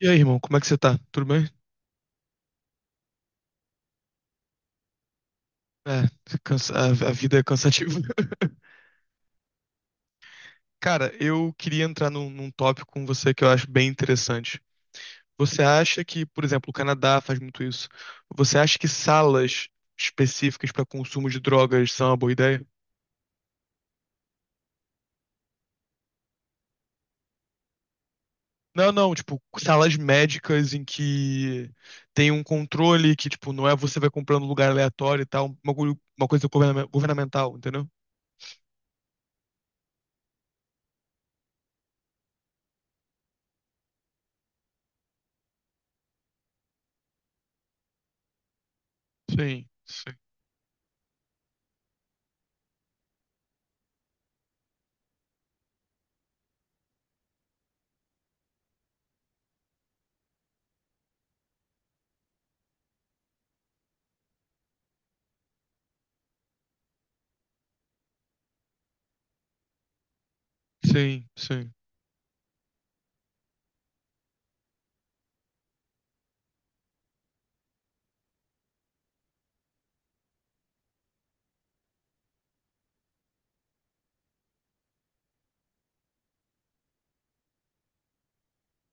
E aí, irmão, como é que você tá? Tudo bem? É, a vida é cansativa. Cara, eu queria entrar num tópico com você que eu acho bem interessante. Você acha que, por exemplo, o Canadá faz muito isso? Você acha que salas específicas para consumo de drogas são uma boa ideia? Não, não, tipo, salas médicas em que tem um controle que, tipo, não é você vai comprando lugar aleatório e tal, uma, uma coisa governamental, entendeu? Sim, sim, sim, sim.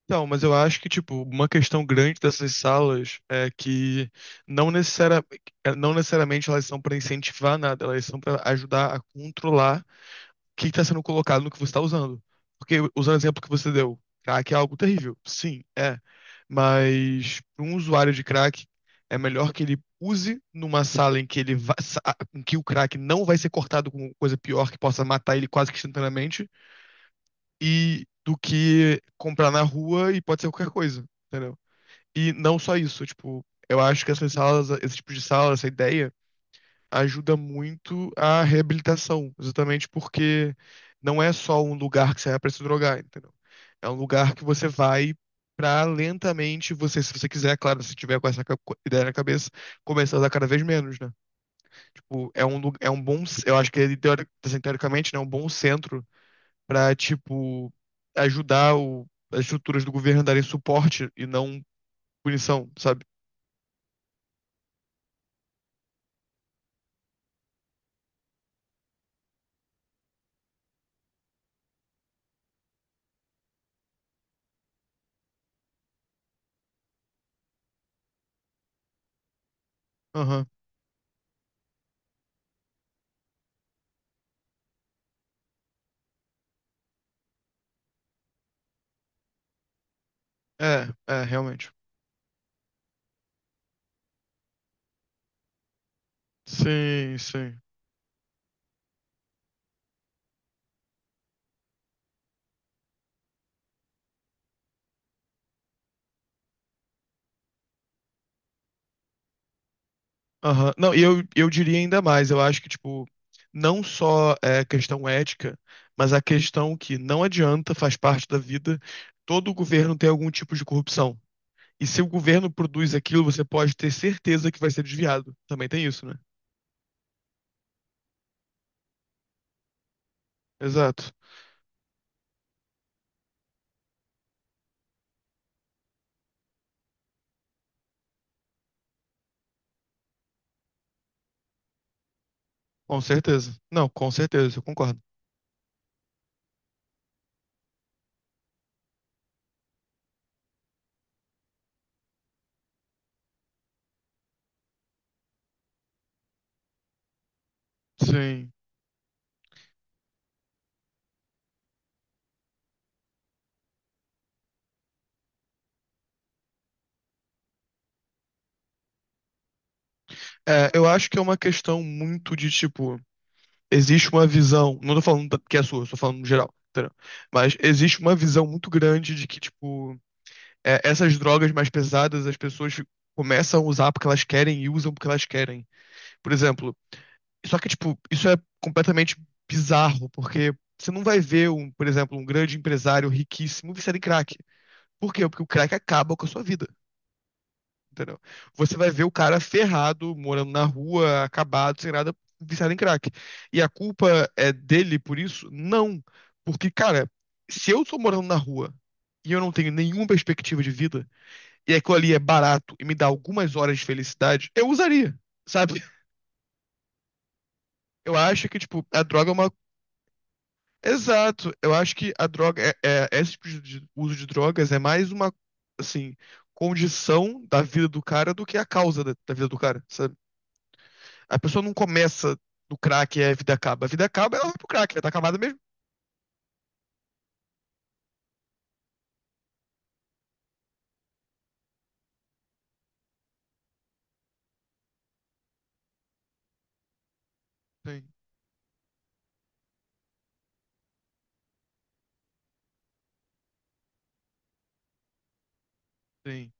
Então, mas eu acho que, tipo, uma questão grande dessas salas é que não necessari- é, não necessariamente elas são para incentivar nada, elas são para ajudar a controlar o que está sendo colocado no que você está usando. Porque, usando o exemplo que você deu, crack é algo terrível. Sim, é. Mas para um usuário de crack, é melhor que ele use numa sala em que em que o crack não vai ser cortado com coisa pior que possa matar ele quase que instantaneamente, e do que comprar na rua e pode ser qualquer coisa, entendeu? E não só isso, tipo, eu acho que essas salas, esse tipo de sala, essa ideia, ajuda muito a reabilitação, exatamente porque não é só um lugar que você vai pra se drogar, entendeu? É um lugar que você vai pra lentamente você, se você quiser, claro, se tiver com essa ideia na cabeça, começar a usar cada vez menos, né? Tipo, é é um bom, eu acho que ele, assim, teoricamente, né, é um bom centro pra, tipo, ajudar as estruturas do governo a darem suporte e não punição, sabe? Aham. É, é, realmente. Sim, sim. Aham. Não, e eu diria ainda mais, eu acho que, tipo, não só é a questão ética, mas a questão que não adianta, faz parte da vida, todo governo tem algum tipo de corrupção. E se o governo produz aquilo, você pode ter certeza que vai ser desviado. Também tem isso, né? Exato. Com certeza. Não, com certeza, eu concordo. Sim. É, eu acho que é uma questão muito de tipo, existe uma visão, não tô falando da- que é sua, tô falando no geral, entendeu? Mas existe uma visão muito grande de que, tipo, é, essas drogas mais pesadas as pessoas começam a usar porque elas querem e usam porque elas querem. Por exemplo, só que, tipo, isso é completamente bizarro, porque você não vai ver um, por exemplo, um grande empresário riquíssimo viciado em crack. Por quê? Porque o crack acaba com a sua vida. Entendeu? Você vai ver o cara ferrado, morando na rua, acabado, sem nada, viciado em crack. E a culpa é dele por isso? Não. Porque, cara, se eu tô morando na rua e eu não tenho nenhuma perspectiva de vida, e aquilo ali é barato e me dá algumas horas de felicidade, eu usaria, sabe? Eu acho que, tipo, a droga é uma. Exato, eu acho que a droga, esse tipo de uso de drogas é mais uma, assim, condição da vida do cara do que a causa da, da vida do cara, sabe? A pessoa não começa no crack e a vida acaba. A vida acaba, ela vai pro crack, ela tá acabada mesmo. Sim, sim,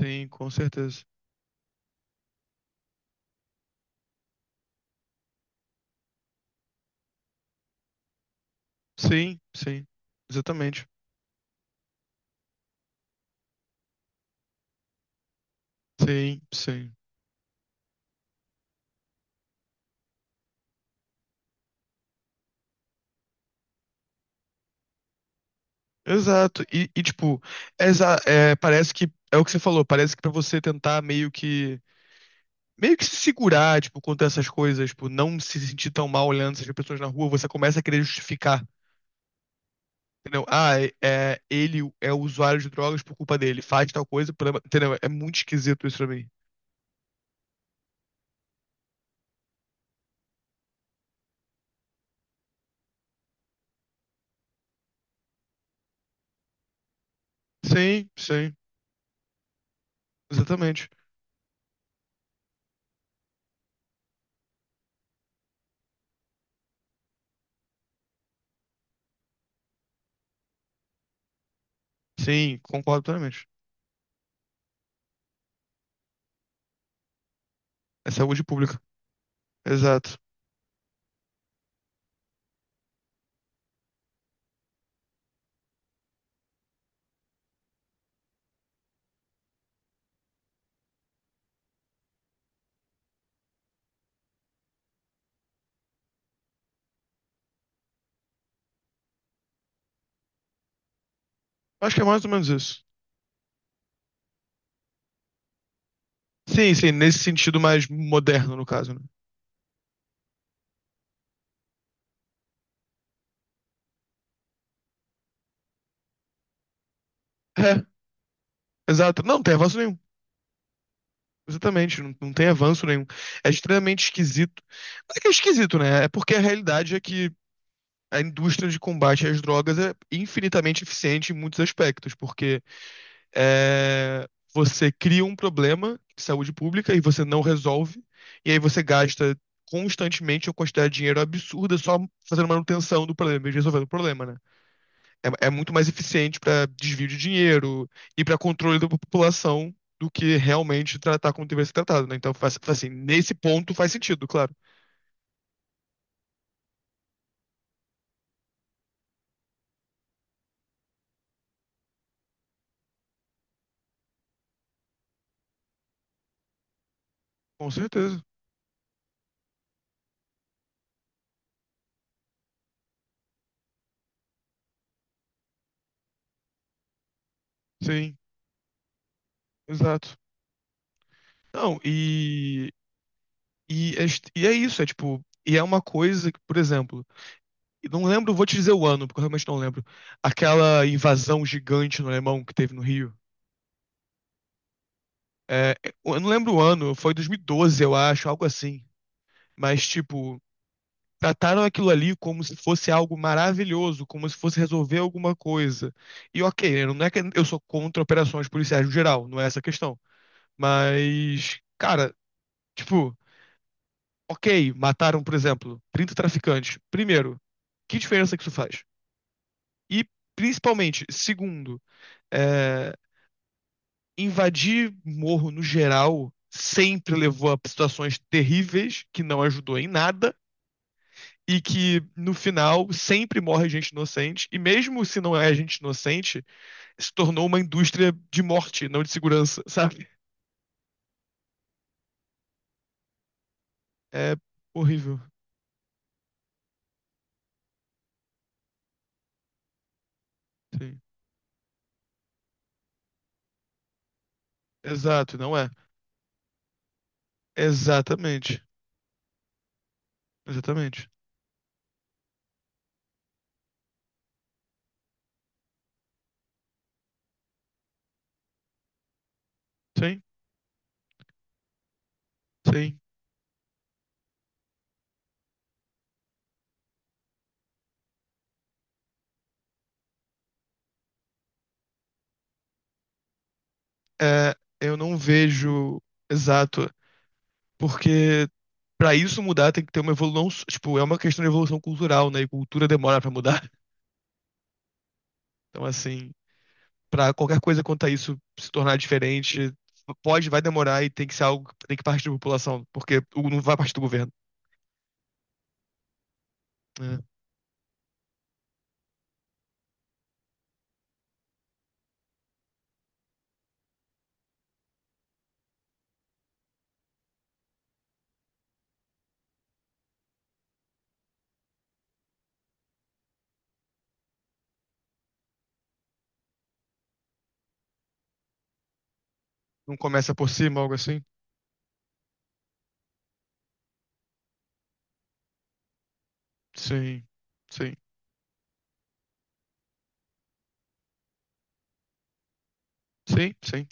sim, com certeza. Sim, sim, exatamente. Sim, sim. Exato. E, tipo, é, parece que é o que você falou, parece que pra você tentar meio que se segurar, tipo, contra essas coisas, tipo, não se sentir tão mal olhando essas pessoas na rua, você começa a querer justificar, entendeu? Ah, ele é usuário de drogas por culpa dele, faz tal coisa, entendeu? É muito esquisito isso pra mim. Sim, sim. Exatamente. Sim, concordo plenamente. É saúde pública. Exato. Acho que é mais ou menos isso. Sim, sim, nesse sentido mais moderno, no caso, né? É, exato. Não, não tem avanço nenhum. Exatamente, não, não tem avanço nenhum. É extremamente esquisito. Mas é que é esquisito, né? É porque a realidade é que a indústria de combate às drogas é infinitamente eficiente em muitos aspectos, porque é, você cria um problema de saúde pública e você não resolve, e aí você gasta constantemente uma quantidade de dinheiro absurda só fazendo manutenção do problema e resolvendo o problema, né? É, é muito mais eficiente para desvio de dinheiro e para controle da população do que realmente tratar como deveria ser tratado, né? Então, faz, assim, nesse ponto faz sentido, claro. Com certeza. Sim, exato. Não, e é isso, é tipo, e é uma coisa que, por exemplo, e não lembro, vou te dizer o ano, porque eu realmente não lembro. Aquela invasão gigante no alemão que teve no Rio. É, eu não lembro o ano, foi 2012, eu acho, algo assim. Mas, tipo, trataram aquilo ali como se fosse algo maravilhoso, como se fosse resolver alguma coisa. E ok, né, não é que eu sou contra operações policiais no geral, não é essa a questão. Mas, cara, tipo, ok, mataram, por exemplo, 30 traficantes. Primeiro, que diferença que isso faz? E, principalmente, segundo, é, invadir morro no geral sempre levou a situações terríveis, que não ajudou em nada, e que no final sempre morre gente inocente, e mesmo se não é gente inocente, se tornou uma indústria de morte, não de segurança, sabe? É horrível. Sim. Exato, não é? Exatamente. Exatamente. Sim, sim. É, eu não vejo exato, porque pra isso mudar, tem que ter uma evolução. Tipo, é uma questão de evolução cultural, né? E cultura demora pra mudar. Então, assim, pra qualquer coisa quanto a isso se tornar diferente, pode, vai demorar e tem que ser algo que tem que partir da população, porque não vai partir do governo. Né? Não começa por cima, algo assim? Sim, sim, sim, sim.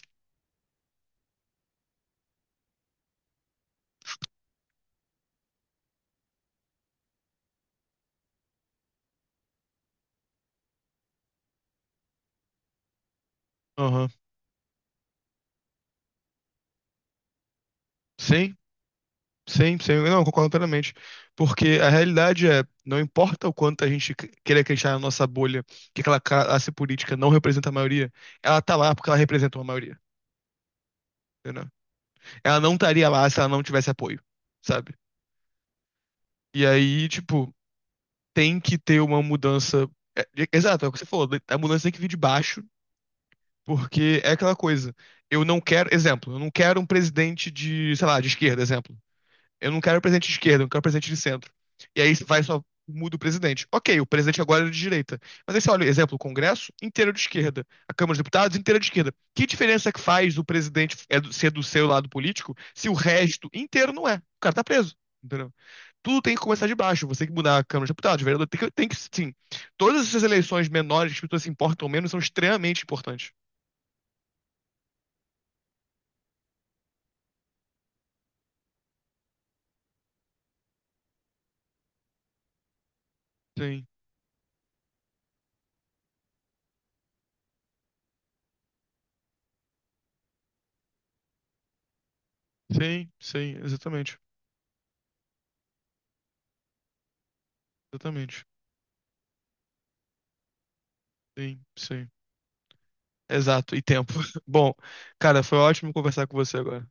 Aham. Sim, sim, sim. Não, concordo totalmente. Porque a realidade é, não importa o quanto a gente queira acreditar na nossa bolha, que aquela classe política não representa a maioria, ela tá lá porque ela representa uma maioria. Entendeu? Ela não estaria lá se ela não tivesse apoio, sabe? E aí, tipo, tem que ter uma mudança. Exato, é o que você falou, a mudança tem que vir de baixo, porque é aquela coisa. Eu não quero, exemplo, eu não quero um presidente de, sei lá, de esquerda, exemplo. Eu não quero presidente de esquerda, eu não quero presidente de centro. E aí vai só muda o presidente. Ok, o presidente agora é de direita. Mas aí você olha, exemplo, o Congresso inteiro de esquerda, a Câmara dos Deputados inteira de esquerda. Que diferença é que faz o presidente é ser do seu lado político se o resto inteiro não é? O cara tá preso. Entendeu? Tudo tem que começar de baixo. Você tem que mudar a Câmara dos Deputados, o vereador. Tem que, sim. Todas essas eleições menores que as pessoas se importam menos são extremamente importantes. Sim, sim, sim, exatamente. Exatamente. Sim, sim. Exato, e tempo. Bom, cara, foi ótimo conversar com você agora.